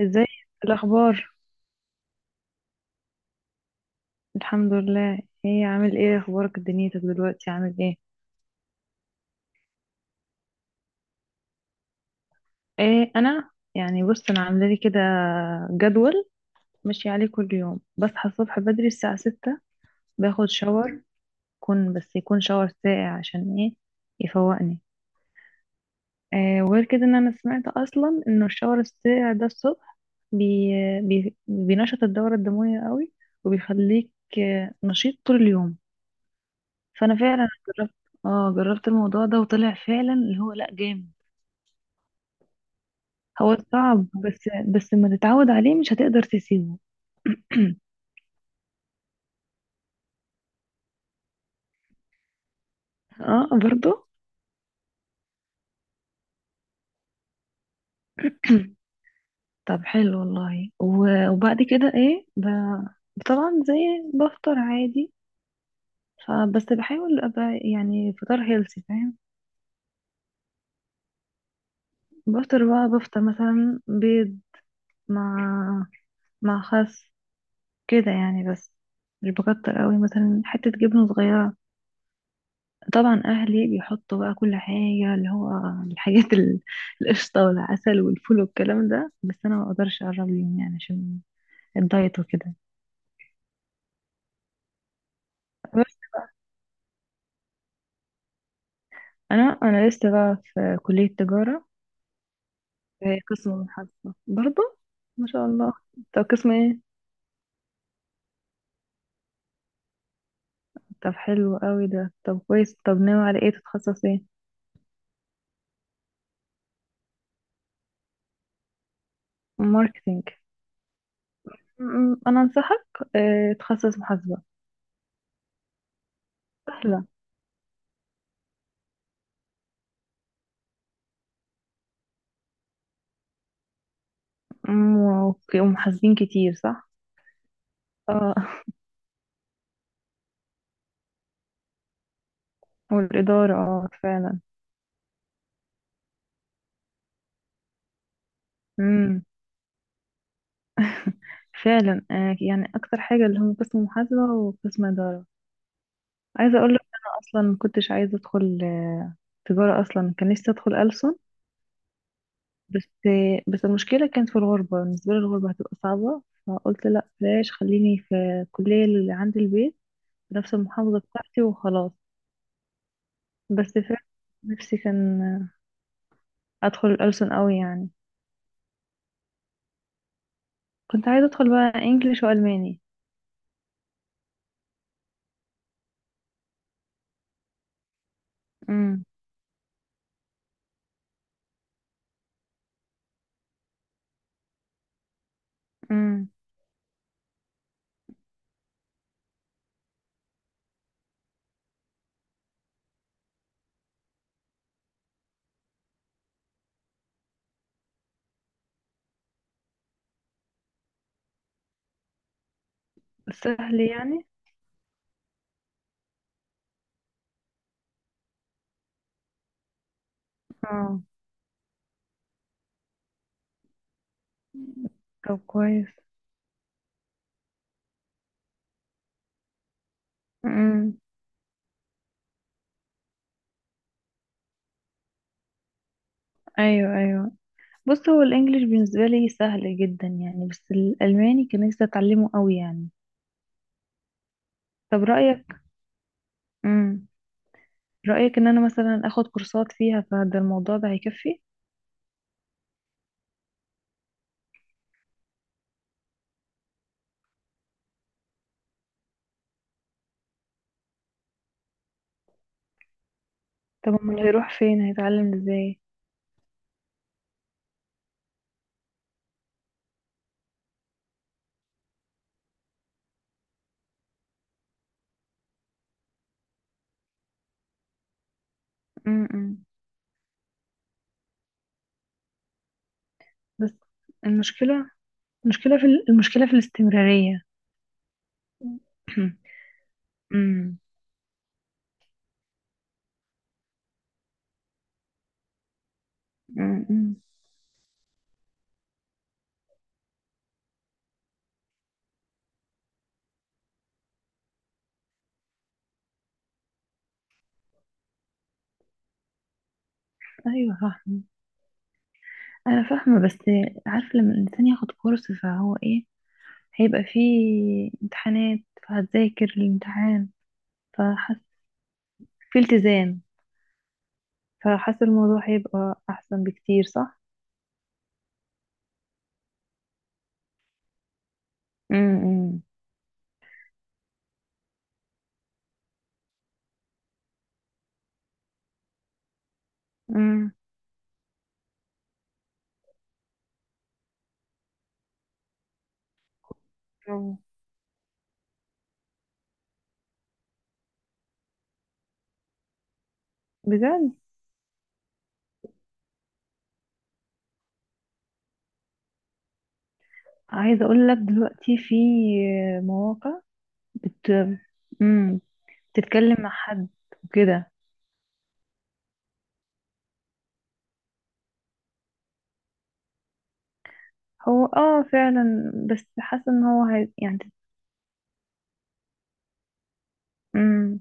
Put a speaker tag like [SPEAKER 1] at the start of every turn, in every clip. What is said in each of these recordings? [SPEAKER 1] ازاي الاخبار؟ الحمد لله. ايه عامل ايه؟ اخبارك دنيتك دلوقتي عامل ايه؟ ايه، انا يعني بص انا عامله لي كده جدول ماشي عليه كل يوم، بصحى الصبح بدري الساعه 6، باخد شاور، يكون يكون شاور ساقع، عشان ايه؟ يفوقني. إيه وغير كده، ان انا سمعت اصلا ان الشاور الساقع ده الصبح بي بي بينشط الدوره الدمويه قوي، وبيخليك نشيط طول اليوم. فانا فعلا جربت، اه جربت الموضوع ده، وطلع فعلا اللي هو لا، جامد. هو صعب، بس لما تتعود عليه مش هتقدر تسيبه. اه برضو. طب حلو والله، وبعد كده ايه، طبعا زي، بفطر عادي، فبس بحاول ابقى يعني فطار هيلثي، فاهم؟ بفطر بقى، بفطر مثلا بيض مع، مع خس، كده يعني. بس مش بكتر قوي، مثلا حتة جبنة صغيرة. طبعا اهلي بيحطوا بقى كل حاجه، اللي هو الحاجات ال- القشطه والعسل والفول والكلام ده، بس انا ما اقدرش اقرب ليهم يعني عشان الدايت وكده. بس انا، لسه بقى في كليه تجاره، في قسم محاسبه برضه. ما شاء الله. طب قسم ايه؟ طب حلو قوي ده، طب كويس. طب ناوي على ايه، تتخصص ايه؟ ماركتينج. انا انصحك تخصص محاسبه، سهله. ومحاسبين كتير صح؟ اه. والاداره اه فعلا. مم. فعلا. يعني اكتر حاجه اللي هم قسم محاسبه وقسم اداره. عايزه اقول لك انا اصلا ما كنتش عايزه ادخل تجاره اصلا، كان نفسي ادخل ألسن. بس المشكله كانت في الغربه، بالنسبه لي الغربه هتبقى صعبه. فقلت لا بلاش، خليني في الكليه اللي عند البيت، في نفس المحافظه بتاعتي، وخلاص. بس فعلا نفسي كان ادخل الألسن قوي يعني. كنت عايزه ادخل بقى انجليش والماني. امم. امم. سهل يعني. اه. طب كويس. ايوه ايوه، بص هو الانجليش بالنسبه لي سهل جدا يعني، بس الالماني كان نفسي اتعلمه قوي يعني. طب رايك؟ امم. رايك ان انا مثلا اخد كورسات فيها، فده الموضوع ده هيكفي؟ طب امال هيروح فين، هيتعلم ازاي؟ امم. بس المشكله المشكله في الاستمراريه. امم. امم. ايوه فاهمه، انا فاهمه، بس عارف لما الانسان ياخد كورس فهو ايه، هيبقى فيه امتحانات، فهتذاكر الامتحان، فحاسه في التزام، فحاسة الموضوع هيبقى أحسن بكتير صح؟ امم. امم. أوه. بجد؟ عايزة أقول لك دلوقتي في مواقع بت... امم، تتكلم مع حد وكده. هو اه فعلا، بس حاسة ان هو هي، يعني، امم.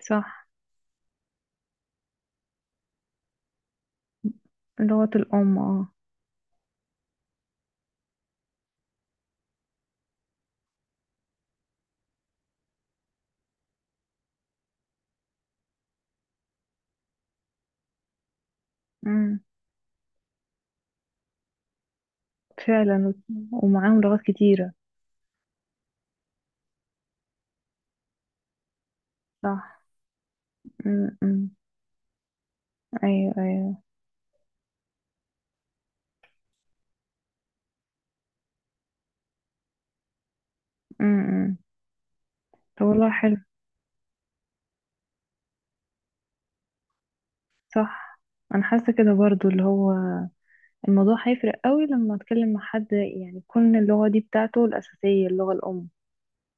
[SPEAKER 1] صح. لغة الأم اه. امم. فعلا، ومعاهم لغات كتيرة. صح. امم. أيوه أيوه. امم. طب والله حلو. صح. أنا حاسة كده برضو، اللي هو الموضوع هيفرق قوي لما اتكلم مع حد يعني يكون اللغة دي بتاعته الأساسية، اللغة الأم.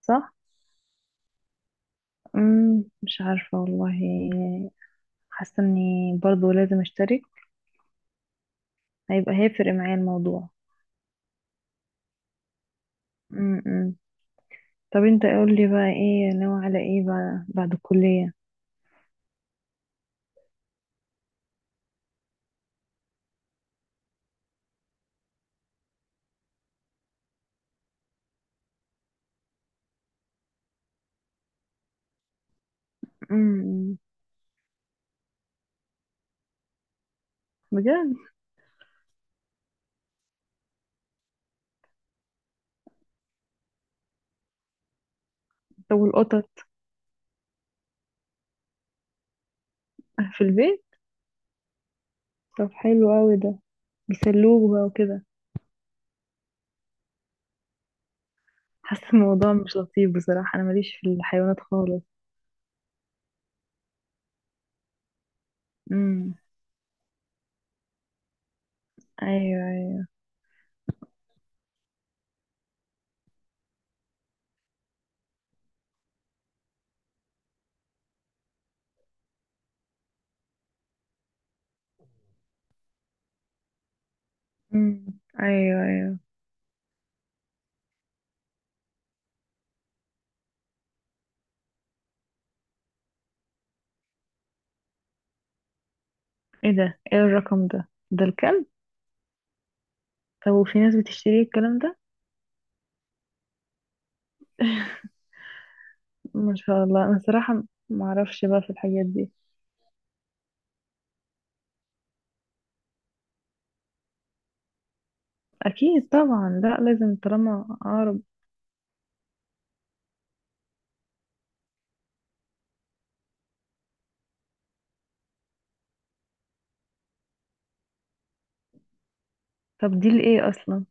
[SPEAKER 1] صح؟ امم. مش عارفة والله، حاسة اني برضو لازم اشترك، هيبقى هيفرق معايا الموضوع. امم. طب انت قول لي بقى، ايه ناوي على ايه بقى بعد الكلية؟ امم. بجد. طب والقطط؟ في البيت؟ طب حلو قوي ده، بيسلوك بقى وكده. حاسة الموضوع مش لطيف بصراحة، انا ماليش في الحيوانات خالص. امم. ايوه. امم. ايوه ايوه. ايه ده، ايه الرقم ده؟ ده الكلب؟ طب وفي ناس بتشتري الكلام ده؟ ما شاء الله، انا صراحة ما اعرفش بقى في الحاجات دي، اكيد طبعا، لا لازم طالما اعرف. طب دي لايه اصلا؟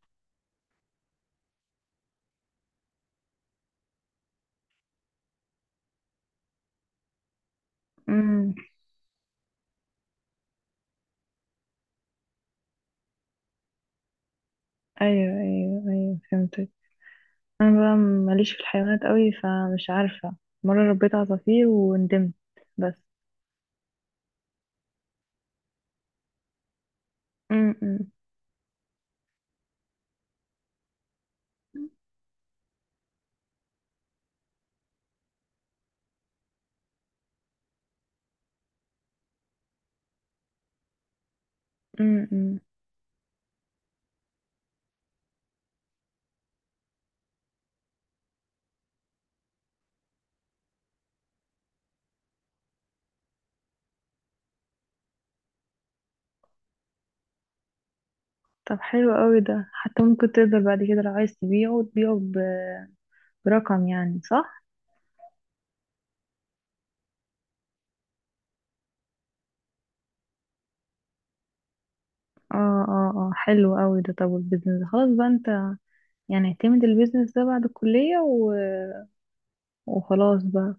[SPEAKER 1] امم. ايوه ايوه ايوه فهمتك. انا بقى ماليش في الحيوانات قوي، فمش عارفة. مرة ربيت عصافير وندمت بس. امم. امم. طب حلو قوي ده، حتى ممكن تقدر بعد كده لو عايز تبيعه، تبيعه برقم يعني، صح؟ اه اه. اه حلو قوي ده. طب البيزنس خلاص بقى، انت يعني اعتمد البيزنس ده بعد الكلية وخلاص بقى.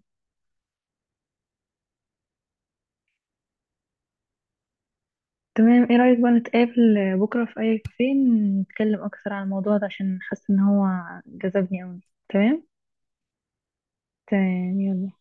[SPEAKER 1] تمام. ايه رأيك بقى نتقابل بكرة في اي كافيه، نتكلم اكثر عن الموضوع ده، عشان حاسة ان هو جذبني قوي. تمام. تمام يلا.